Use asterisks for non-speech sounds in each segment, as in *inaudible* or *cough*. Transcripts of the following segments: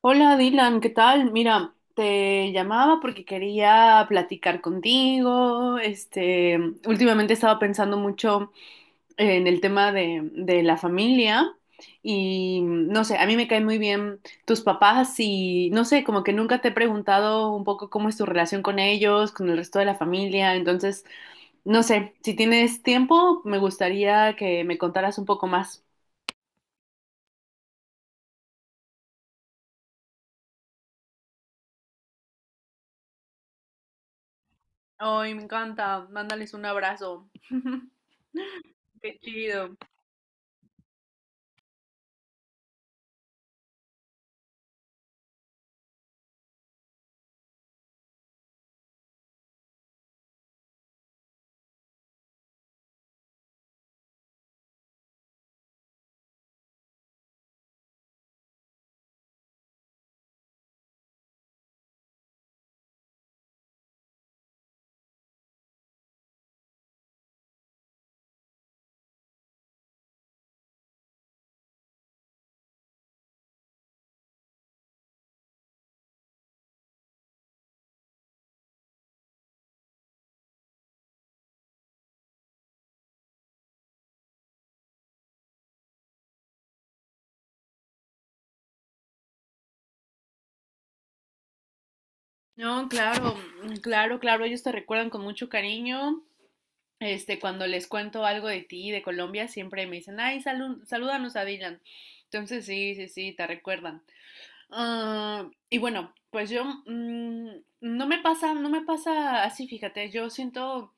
Hola Dylan, ¿qué tal? Mira, te llamaba porque quería platicar contigo. Últimamente estaba pensando mucho en el tema de la familia y no sé, a mí me caen muy bien tus papás y no sé, como que nunca te he preguntado un poco cómo es tu relación con ellos, con el resto de la familia. Entonces, no sé, si tienes tiempo, me gustaría que me contaras un poco más. Ay, me encanta. Mándales un abrazo. *laughs* Qué chido. No, claro, mm, claro, claro, ellos te recuerdan con mucho cariño. Este, cuando les cuento algo de ti, de Colombia, siempre me dicen, ay, salud, salúdanos a Dylan. Entonces, sí, sí, sí, te recuerdan. Ah, y bueno, pues yo, no me pasa, no me pasa así, fíjate, yo siento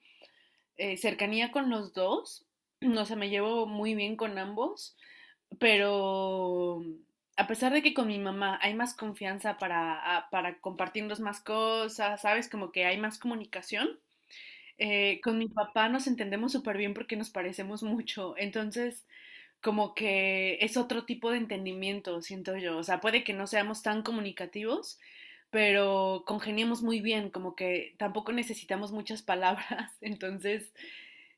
cercanía con los dos. *clears throat* No sé, me llevo muy bien con ambos, pero a pesar de que con mi mamá hay más confianza para, para compartirnos más cosas, ¿sabes? Como que hay más comunicación. Con mi papá nos entendemos súper bien porque nos parecemos mucho. Entonces, como que es otro tipo de entendimiento, siento yo. O sea, puede que no seamos tan comunicativos, pero congeniamos muy bien, como que tampoco necesitamos muchas *laughs* palabras. Entonces,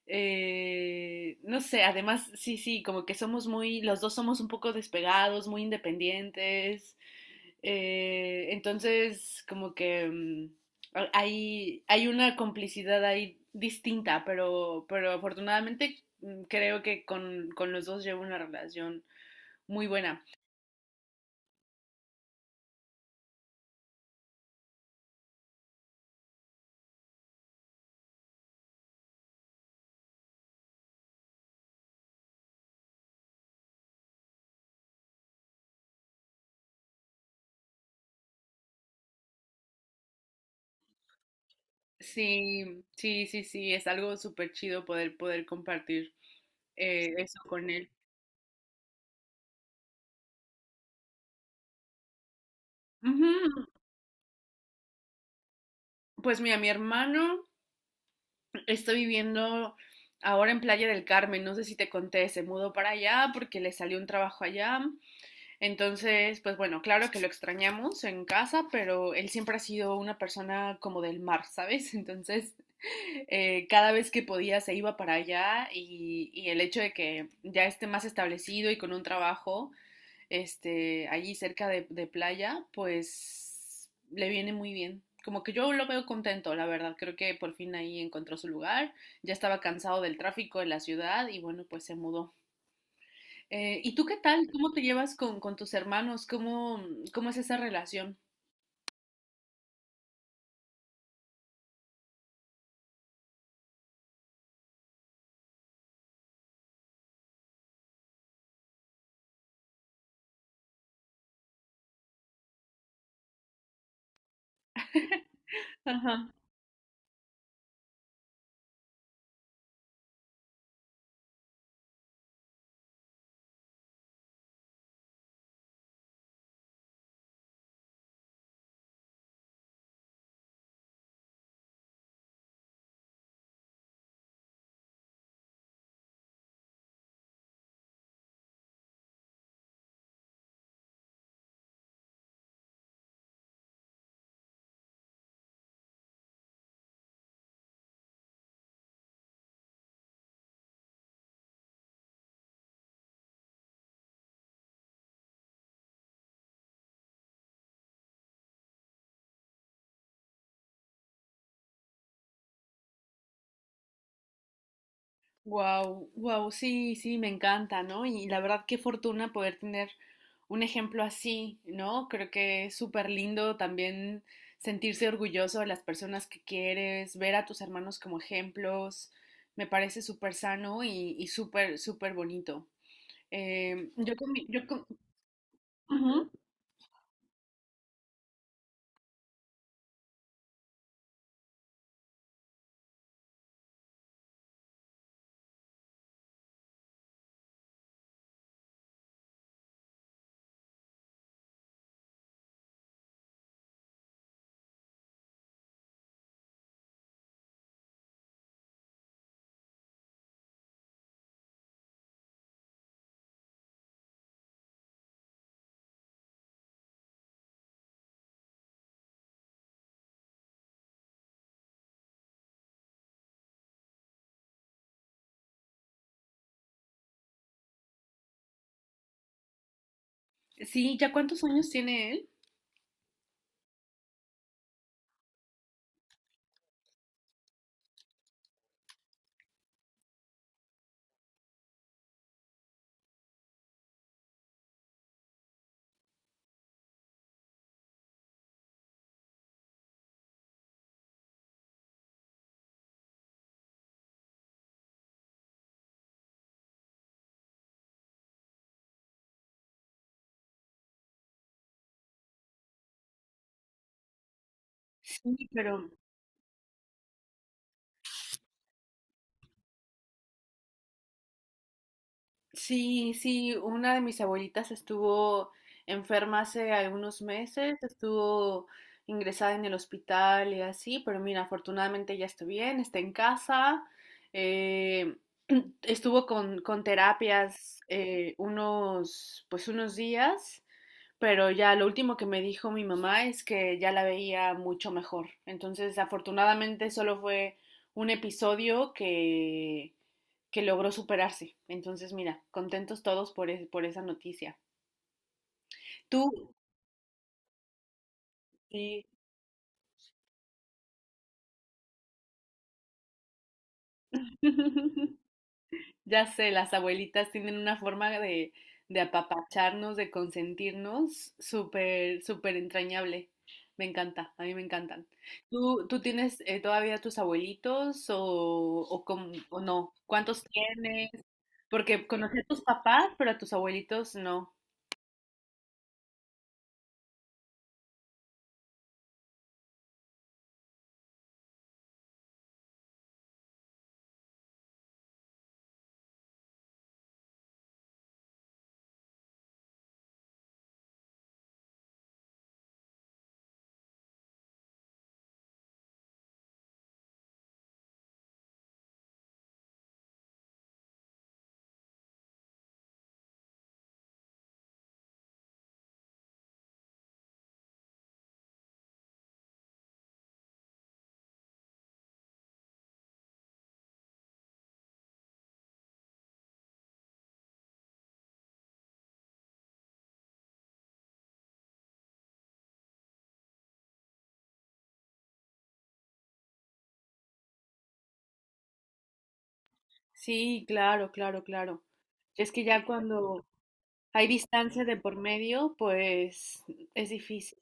no sé, además, sí, sí, como que somos muy, los dos somos un poco despegados, muy independientes. Entonces, como que hay una complicidad ahí distinta, pero afortunadamente creo que con los dos llevo una relación muy buena. Sí, sí, sí, sí, es algo súper chido poder, poder compartir eso con él. Ujú. Pues mira, mi hermano está viviendo ahora en Playa del Carmen, no sé si te conté, se mudó para allá porque le salió un trabajo allá. Entonces, pues bueno, claro que lo extrañamos en casa, pero él siempre ha sido una persona como del mar, ¿sabes? *laughs* Entonces, cada vez que podía se iba para allá y el hecho de que ya esté más establecido y con un trabajo, este, allí cerca de playa, pues le viene muy bien. Como que yo lo veo contento, la verdad. Creo que por fin ahí encontró su lugar. Ya estaba cansado del tráfico de la ciudad y bueno, pues se mudó. ¿Y tú qué tal? ¿Cómo te llevas con tus hermanos? ¿Cómo, cómo es esa relación? Ajá. Wow, wow, sí, sí, me encanta, ¿no? Y la verdad, qué fortuna poder tener un ejemplo así, ¿no? Creo que es súper lindo también sentirse orgulloso de las personas que quieres, ver a tus hermanos como ejemplos, me parece súper sano y súper, súper bonito. Yo con... Ujú. Sí, ¿ya cuántos años tiene él? Sí, pero sí, sí, una de mis abuelitas estuvo enferma hace algunos meses, estuvo ingresada en el hospital y así, pero mira, afortunadamente ya está bien, está en casa. eh, *clears throat* Estuvo con terapias, unos, pues unos días, pero ya lo último que me dijo mi mamá es que ya la veía mucho mejor. Entonces, afortunadamente solo fue un episodio que logró superarse. Entonces, mira, contentos todos por, por esa noticia. Tú, sí. *laughs* Ya sé, las abuelitas tienen una forma de apapacharnos, de consentirnos, súper, súper entrañable. Me encanta, a mí me encantan. ¿Tú, tú tienes todavía tus abuelitos o, o no? ¿Cuántos tienes? Porque conocí a tus papás, pero a tus abuelitos no. Sí, claro, claro, claro. Es que ya cuando hay distancia de por medio, pues es difícil.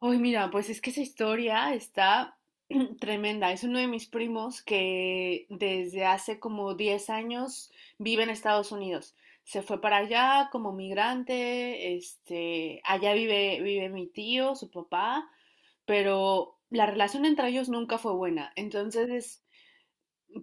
Ay, mira, pues es que esa historia está *clears throat* tremenda. Es uno de mis primos que desde hace como 10 años vive en Estados Unidos. Se fue para allá como migrante, este, allá vive, vive mi tío, su papá, pero la relación entre ellos nunca fue buena. Entonces,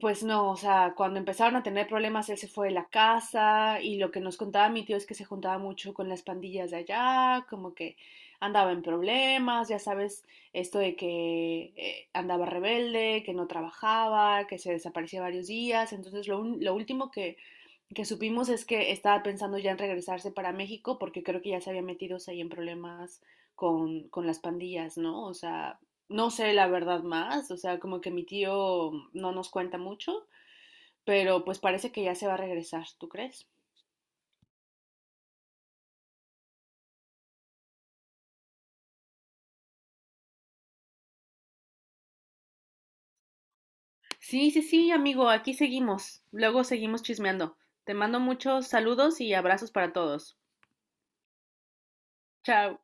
pues no, o sea, cuando empezaron a tener problemas, él se fue de la casa y lo que nos contaba mi tío es que se juntaba mucho con las pandillas de allá, como que andaba en problemas, ya sabes, esto de que andaba rebelde, que no trabajaba, que se desaparecía varios días. Entonces, lo último que supimos es que estaba pensando ya en regresarse para México porque creo que ya se había metido, o sea, ahí en problemas con las pandillas, ¿no? O sea, no sé la verdad más, o sea, como que mi tío no nos cuenta mucho, pero pues parece que ya se va a regresar, ¿tú crees? Sí, sí, sí, amigo, aquí seguimos. Luego seguimos chismeando. Te mando muchos saludos y abrazos para todos. Chao.